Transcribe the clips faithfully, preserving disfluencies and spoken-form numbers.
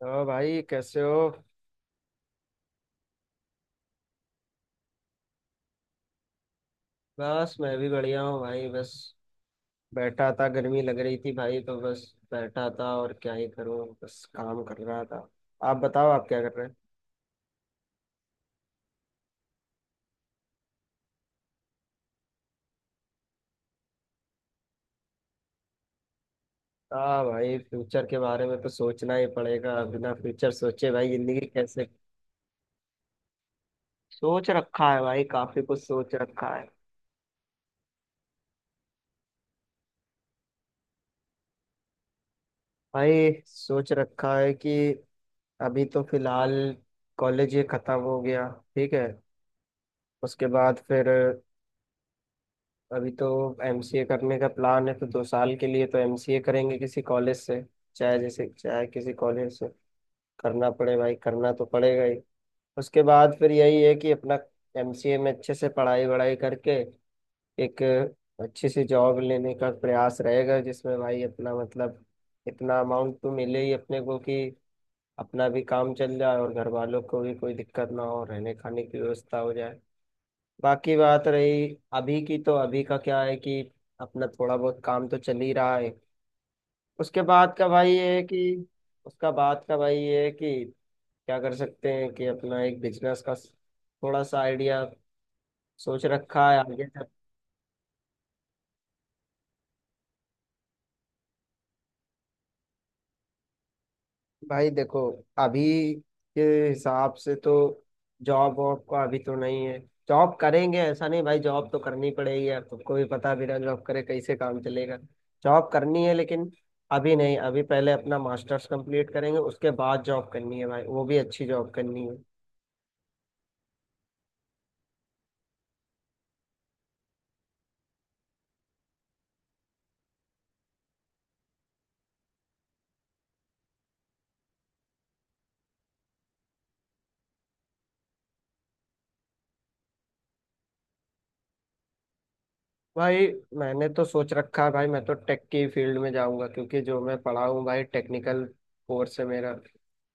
तो भाई कैसे हो। बस मैं भी बढ़िया हूँ भाई बस। बैठा था, गर्मी लग रही थी भाई, तो बस बैठा था। और क्या ही करूँ, बस काम कर रहा था। आप बताओ, आप क्या कर रहे हैं। हाँ भाई, फ्यूचर के बारे में तो सोचना ही पड़ेगा, बिना फ्यूचर सोचे भाई जिंदगी कैसे। सोच रखा है भाई, काफी कुछ सोच रखा है। भाई सोच रखा है कि अभी तो फिलहाल कॉलेज ये खत्म हो गया, ठीक है। उसके बाद फिर अभी तो एम सी ए करने का प्लान है, तो दो साल के लिए तो एमसीए करेंगे किसी कॉलेज से। चाहे जैसे चाहे, किसी कॉलेज से करना पड़े भाई, करना तो पड़ेगा ही। उसके बाद फिर यही है कि अपना एम सी ए में अच्छे से पढ़ाई वढ़ाई करके एक अच्छी सी जॉब लेने का प्रयास रहेगा, जिसमें भाई अपना मतलब इतना अमाउंट तो मिले ही अपने को कि अपना भी काम चल जाए और घर वालों को भी कोई दिक्कत ना हो, रहने खाने की व्यवस्था हो जाए। बाकी बात रही अभी की, तो अभी का क्या है कि अपना थोड़ा बहुत काम तो चल ही रहा है। उसके बाद का भाई ये है कि उसका बाद का भाई ये है कि क्या कर सकते हैं कि अपना एक बिजनेस का थोड़ा सा आइडिया सोच रखा है आगे। भाई देखो, अभी के हिसाब से तो जॉब वॉब का अभी तो नहीं है। जॉब करेंगे ऐसा नहीं, भाई जॉब तो करनी पड़ेगी, यार तुमको भी पता है, बिना जॉब करे कैसे काम चलेगा। जॉब करनी है लेकिन अभी नहीं, अभी पहले अपना मास्टर्स कंप्लीट करेंगे, उसके बाद जॉब करनी है भाई, वो भी अच्छी जॉब करनी है। भाई मैंने तो सोच रखा है भाई, मैं तो टेक की फील्ड में जाऊंगा, क्योंकि जो मैं पढ़ा हूँ भाई टेक्निकल कोर्स है मेरा।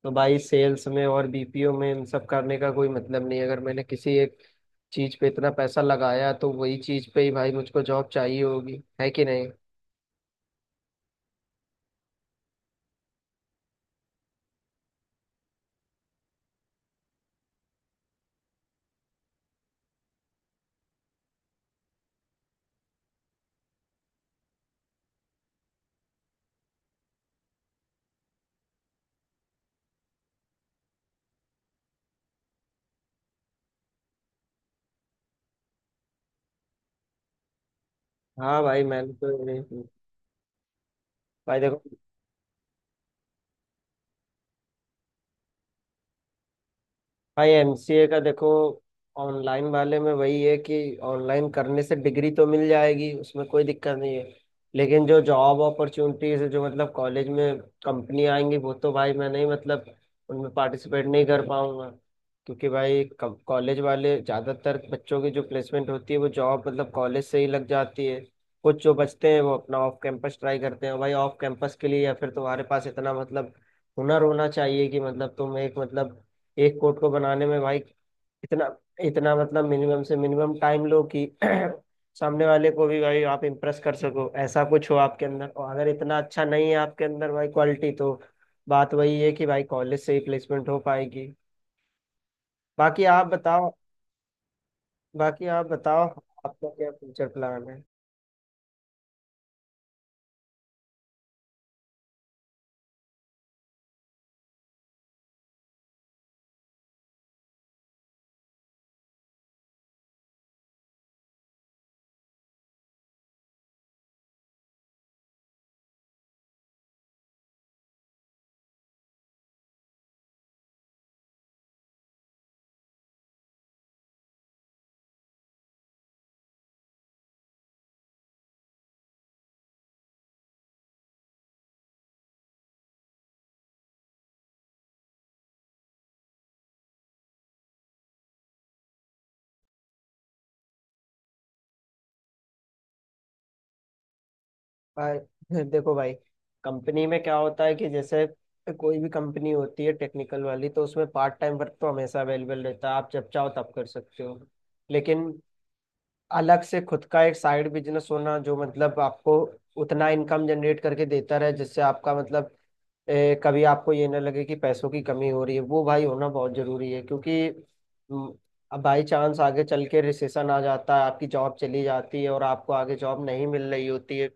तो भाई सेल्स में और बी पी ओ में इन सब करने का कोई मतलब नहीं है। अगर मैंने किसी एक चीज पे इतना पैसा लगाया तो वही चीज पे ही भाई मुझको जॉब चाहिए होगी, है कि नहीं। हाँ भाई, मैंने तो यही- भाई देखो भाई, एम सी ए का देखो, ऑनलाइन वाले में वही है कि ऑनलाइन करने से डिग्री तो मिल जाएगी, उसमें कोई दिक्कत नहीं है। लेकिन जो जॉब अपॉर्चुनिटीज है, जो मतलब कॉलेज में कंपनी आएंगी, वो तो भाई मैं नहीं, मतलब उनमें पार्टिसिपेट नहीं कर पाऊंगा। क्योंकि भाई कॉलेज वाले ज़्यादातर बच्चों की जो प्लेसमेंट होती है, वो जॉब मतलब कॉलेज से ही लग जाती है। कुछ जो बचते हैं वो अपना ऑफ कैंपस ट्राई करते हैं भाई, ऑफ कैंपस के लिए या फिर तुम्हारे पास इतना मतलब हुनर होना चाहिए कि मतलब तुम एक मतलब एक कोट को बनाने में भाई इतना इतना, मतलब मिनिमम से मिनिमम टाइम लो कि सामने वाले को भी भाई आप इम्प्रेस कर सको, ऐसा कुछ हो आपके अंदर। और अगर इतना अच्छा नहीं है आपके अंदर भाई क्वालिटी, तो बात वही है कि भाई कॉलेज से ही प्लेसमेंट हो पाएगी। बाकी आप बताओ। बाकी आप बताओ आपका क्या फ्यूचर प्लान है। भाई देखो भाई, कंपनी में क्या होता है कि जैसे कोई भी कंपनी होती है टेक्निकल वाली, तो उसमें पार्ट टाइम वर्क तो हमेशा अवेलेबल रहता है, आप जब चाहो तब कर सकते हो। लेकिन अलग से खुद का एक साइड बिजनेस होना, जो मतलब आपको उतना इनकम जनरेट करके देता रहे, जिससे आपका मतलब ए, कभी आपको ये ना लगे कि पैसों की कमी हो रही है, वो भाई होना बहुत जरूरी है। क्योंकि म, अब बाई चांस आगे चल के रिसेशन आ जाता है, आपकी जॉब चली जाती है और आपको आगे जॉब नहीं मिल रही होती है,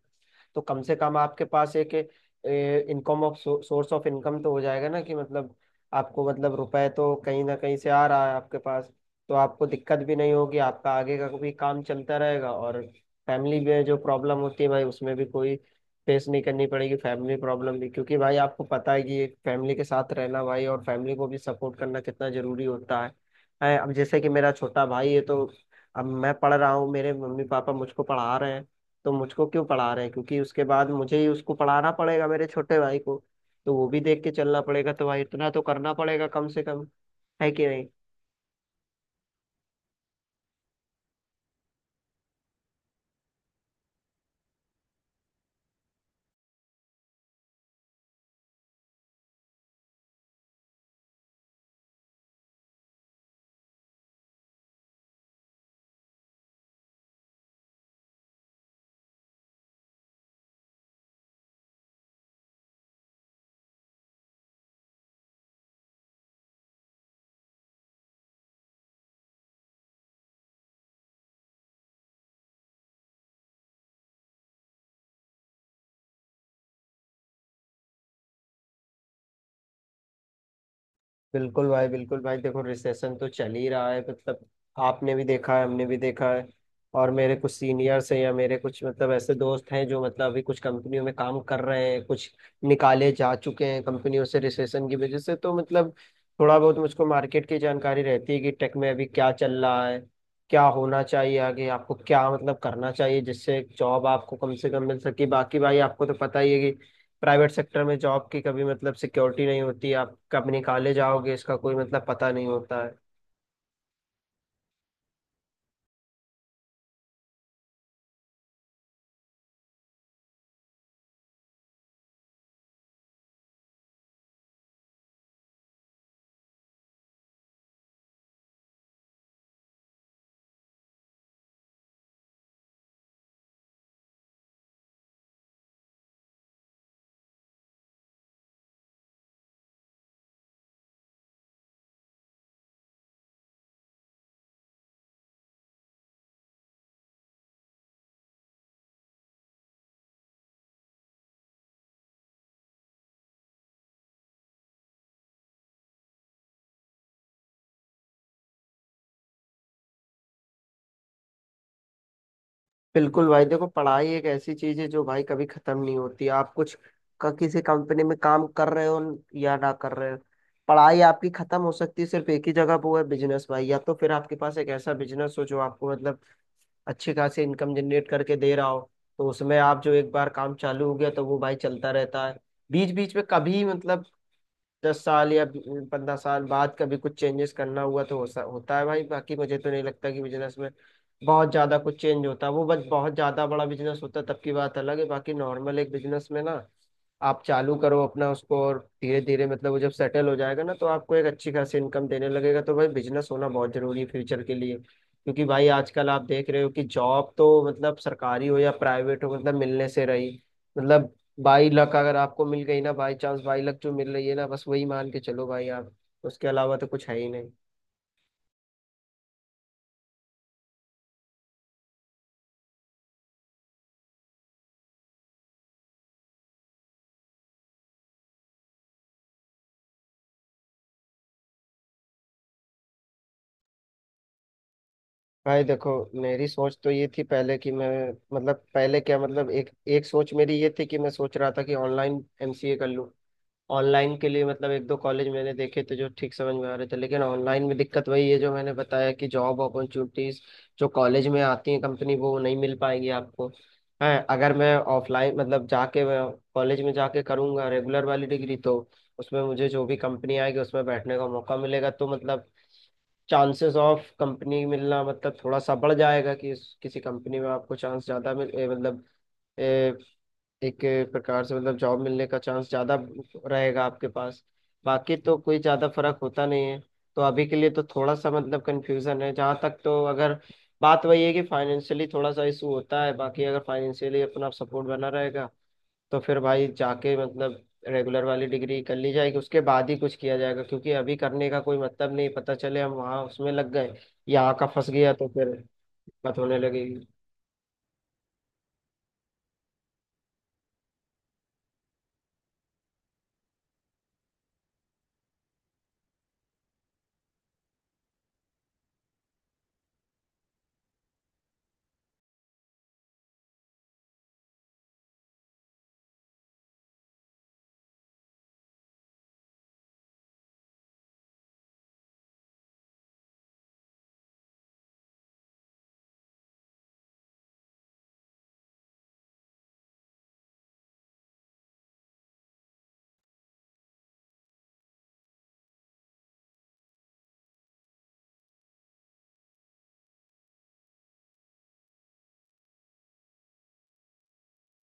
तो कम से कम आपके पास एक income of source of income तो हो जाएगा ना, कि मतलब आपको मतलब रुपए तो कहीं ना कहीं से आ रहा है आपके पास। तो आपको दिक्कत भी नहीं होगी, आपका आगे का भी काम चलता रहेगा। और फैमिली में जो प्रॉब्लम होती है भाई, उसमें भी कोई फेस नहीं करनी पड़ेगी फैमिली प्रॉब्लम भी, क्योंकि भाई आपको पता है कि फैमिली के साथ रहना भाई और फैमिली को भी सपोर्ट करना कितना जरूरी होता है है, अब जैसे कि मेरा छोटा भाई है, तो अब मैं पढ़ रहा हूँ, मेरे मम्मी पापा मुझको पढ़ा रहे हैं। तो मुझको क्यों पढ़ा रहे हैं, क्योंकि उसके बाद मुझे ही उसको पढ़ाना पड़ेगा मेरे छोटे भाई को। तो वो भी देख के चलना पड़ेगा, तो भाई इतना तो करना पड़ेगा कम से कम, है कि नहीं। बिल्कुल भाई बिल्कुल भाई, देखो रिसेशन तो चल ही रहा है, मतलब आपने भी देखा है, हमने भी देखा है। और मेरे कुछ सीनियर्स हैं या मेरे कुछ मतलब ऐसे दोस्त हैं जो मतलब अभी कुछ कंपनियों में काम कर रहे हैं, कुछ निकाले जा चुके हैं कंपनियों से रिसेशन की वजह से। तो मतलब थोड़ा बहुत मुझको मार्केट की जानकारी रहती है कि टेक में अभी क्या चल रहा है, क्या होना चाहिए, आगे आपको क्या मतलब करना चाहिए जिससे जॉब आपको कम से कम मिल सके। बाकी भाई आपको तो पता ही है कि प्राइवेट सेक्टर में जॉब की कभी मतलब सिक्योरिटी नहीं होती, आप कब निकाले जाओगे इसका कोई मतलब पता नहीं होता है। बिल्कुल भाई देखो, पढ़ाई एक ऐसी चीज है जो भाई कभी खत्म नहीं होती। आप कुछ क- किसी कंपनी में काम कर रहे हो या ना कर रहे हो, पढ़ाई आपकी खत्म हो सकती है सिर्फ एक ही जगह पे, वो है बिजनेस भाई। या तो फिर आपके पास एक ऐसा बिजनेस हो जो आपको मतलब अच्छी खासी इनकम जनरेट करके दे रहा हो, तो उसमें आप जो एक बार काम चालू हो गया तो वो भाई चलता रहता है। बीच बीच में कभी मतलब दस साल या पंद्रह साल बाद कभी कुछ चेंजेस करना हुआ तो हो, सा- होता है भाई। बाकी मुझे तो नहीं लगता कि बिजनेस में बहुत ज्यादा कुछ चेंज होता है, वो बस बहुत ज्यादा बड़ा बिजनेस होता है तब की बात अलग है। बाकी नॉर्मल एक बिजनेस में ना, आप चालू करो अपना उसको, और धीरे धीरे मतलब वो जब सेटल हो जाएगा ना, तो आपको एक अच्छी खासी इनकम देने लगेगा। तो भाई बिजनेस होना बहुत जरूरी है फ्यूचर के लिए, क्योंकि भाई आजकल आप देख रहे हो कि जॉब तो मतलब सरकारी हो या प्राइवेट हो, मतलब मिलने से रही। मतलब बाई लक अगर आपको मिल गई ना, बाई चांस बाई लक जो मिल रही है ना, बस वही मान के चलो भाई आप, उसके अलावा तो कुछ है ही नहीं। भाई देखो, मेरी सोच तो ये थी पहले कि मैं, मतलब पहले क्या, मतलब एक एक सोच मेरी ये थी कि मैं सोच रहा था कि ऑनलाइन एम सी ए कर लूँ। ऑनलाइन के लिए मतलब एक दो कॉलेज मैंने देखे थे जो ठीक समझ में आ रहे थे, लेकिन ऑनलाइन में दिक्कत वही है जो मैंने बताया कि जॉब अपॉर्चुनिटीज जो कॉलेज में आती है कंपनी, वो नहीं मिल पाएंगी आपको। है, अगर मैं ऑफलाइन मतलब जाके कॉलेज में जाके करूंगा रेगुलर वाली डिग्री, तो उसमें मुझे जो भी कंपनी आएगी उसमें बैठने का मौका मिलेगा, तो मतलब चांसेस ऑफ कंपनी मिलना मतलब थोड़ा सा बढ़ जाएगा कि इस- किसी कंपनी में आपको चांस ज्यादा मिल ए, मतलब एक प्रकार से मतलब जॉब मिलने का चांस ज़्यादा रहेगा आपके पास। बाकी तो कोई ज़्यादा फर्क होता नहीं है। तो अभी के लिए तो थोड़ा सा मतलब कंफ्यूजन है जहाँ तक, तो अगर बात वही है कि फाइनेंशियली थोड़ा सा इशू होता है। बाकी अगर फाइनेंशियली अपना सपोर्ट बना रहेगा, तो फिर भाई जाके मतलब रेगुलर वाली डिग्री कर ली जाएगी, उसके बाद ही कुछ किया जाएगा। क्योंकि अभी करने का कोई मतलब नहीं, पता चले हम वहाँ उसमें लग गए, यहाँ का फंस गया, तो फिर दिक्कत होने लगेगी।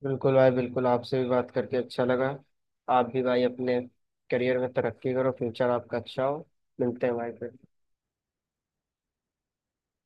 बिल्कुल भाई बिल्कुल, आपसे भी बात करके अच्छा लगा। आप भी भाई अपने करियर में तरक्की करो, फ्यूचर आपका अच्छा हो। मिलते हैं भाई फिर।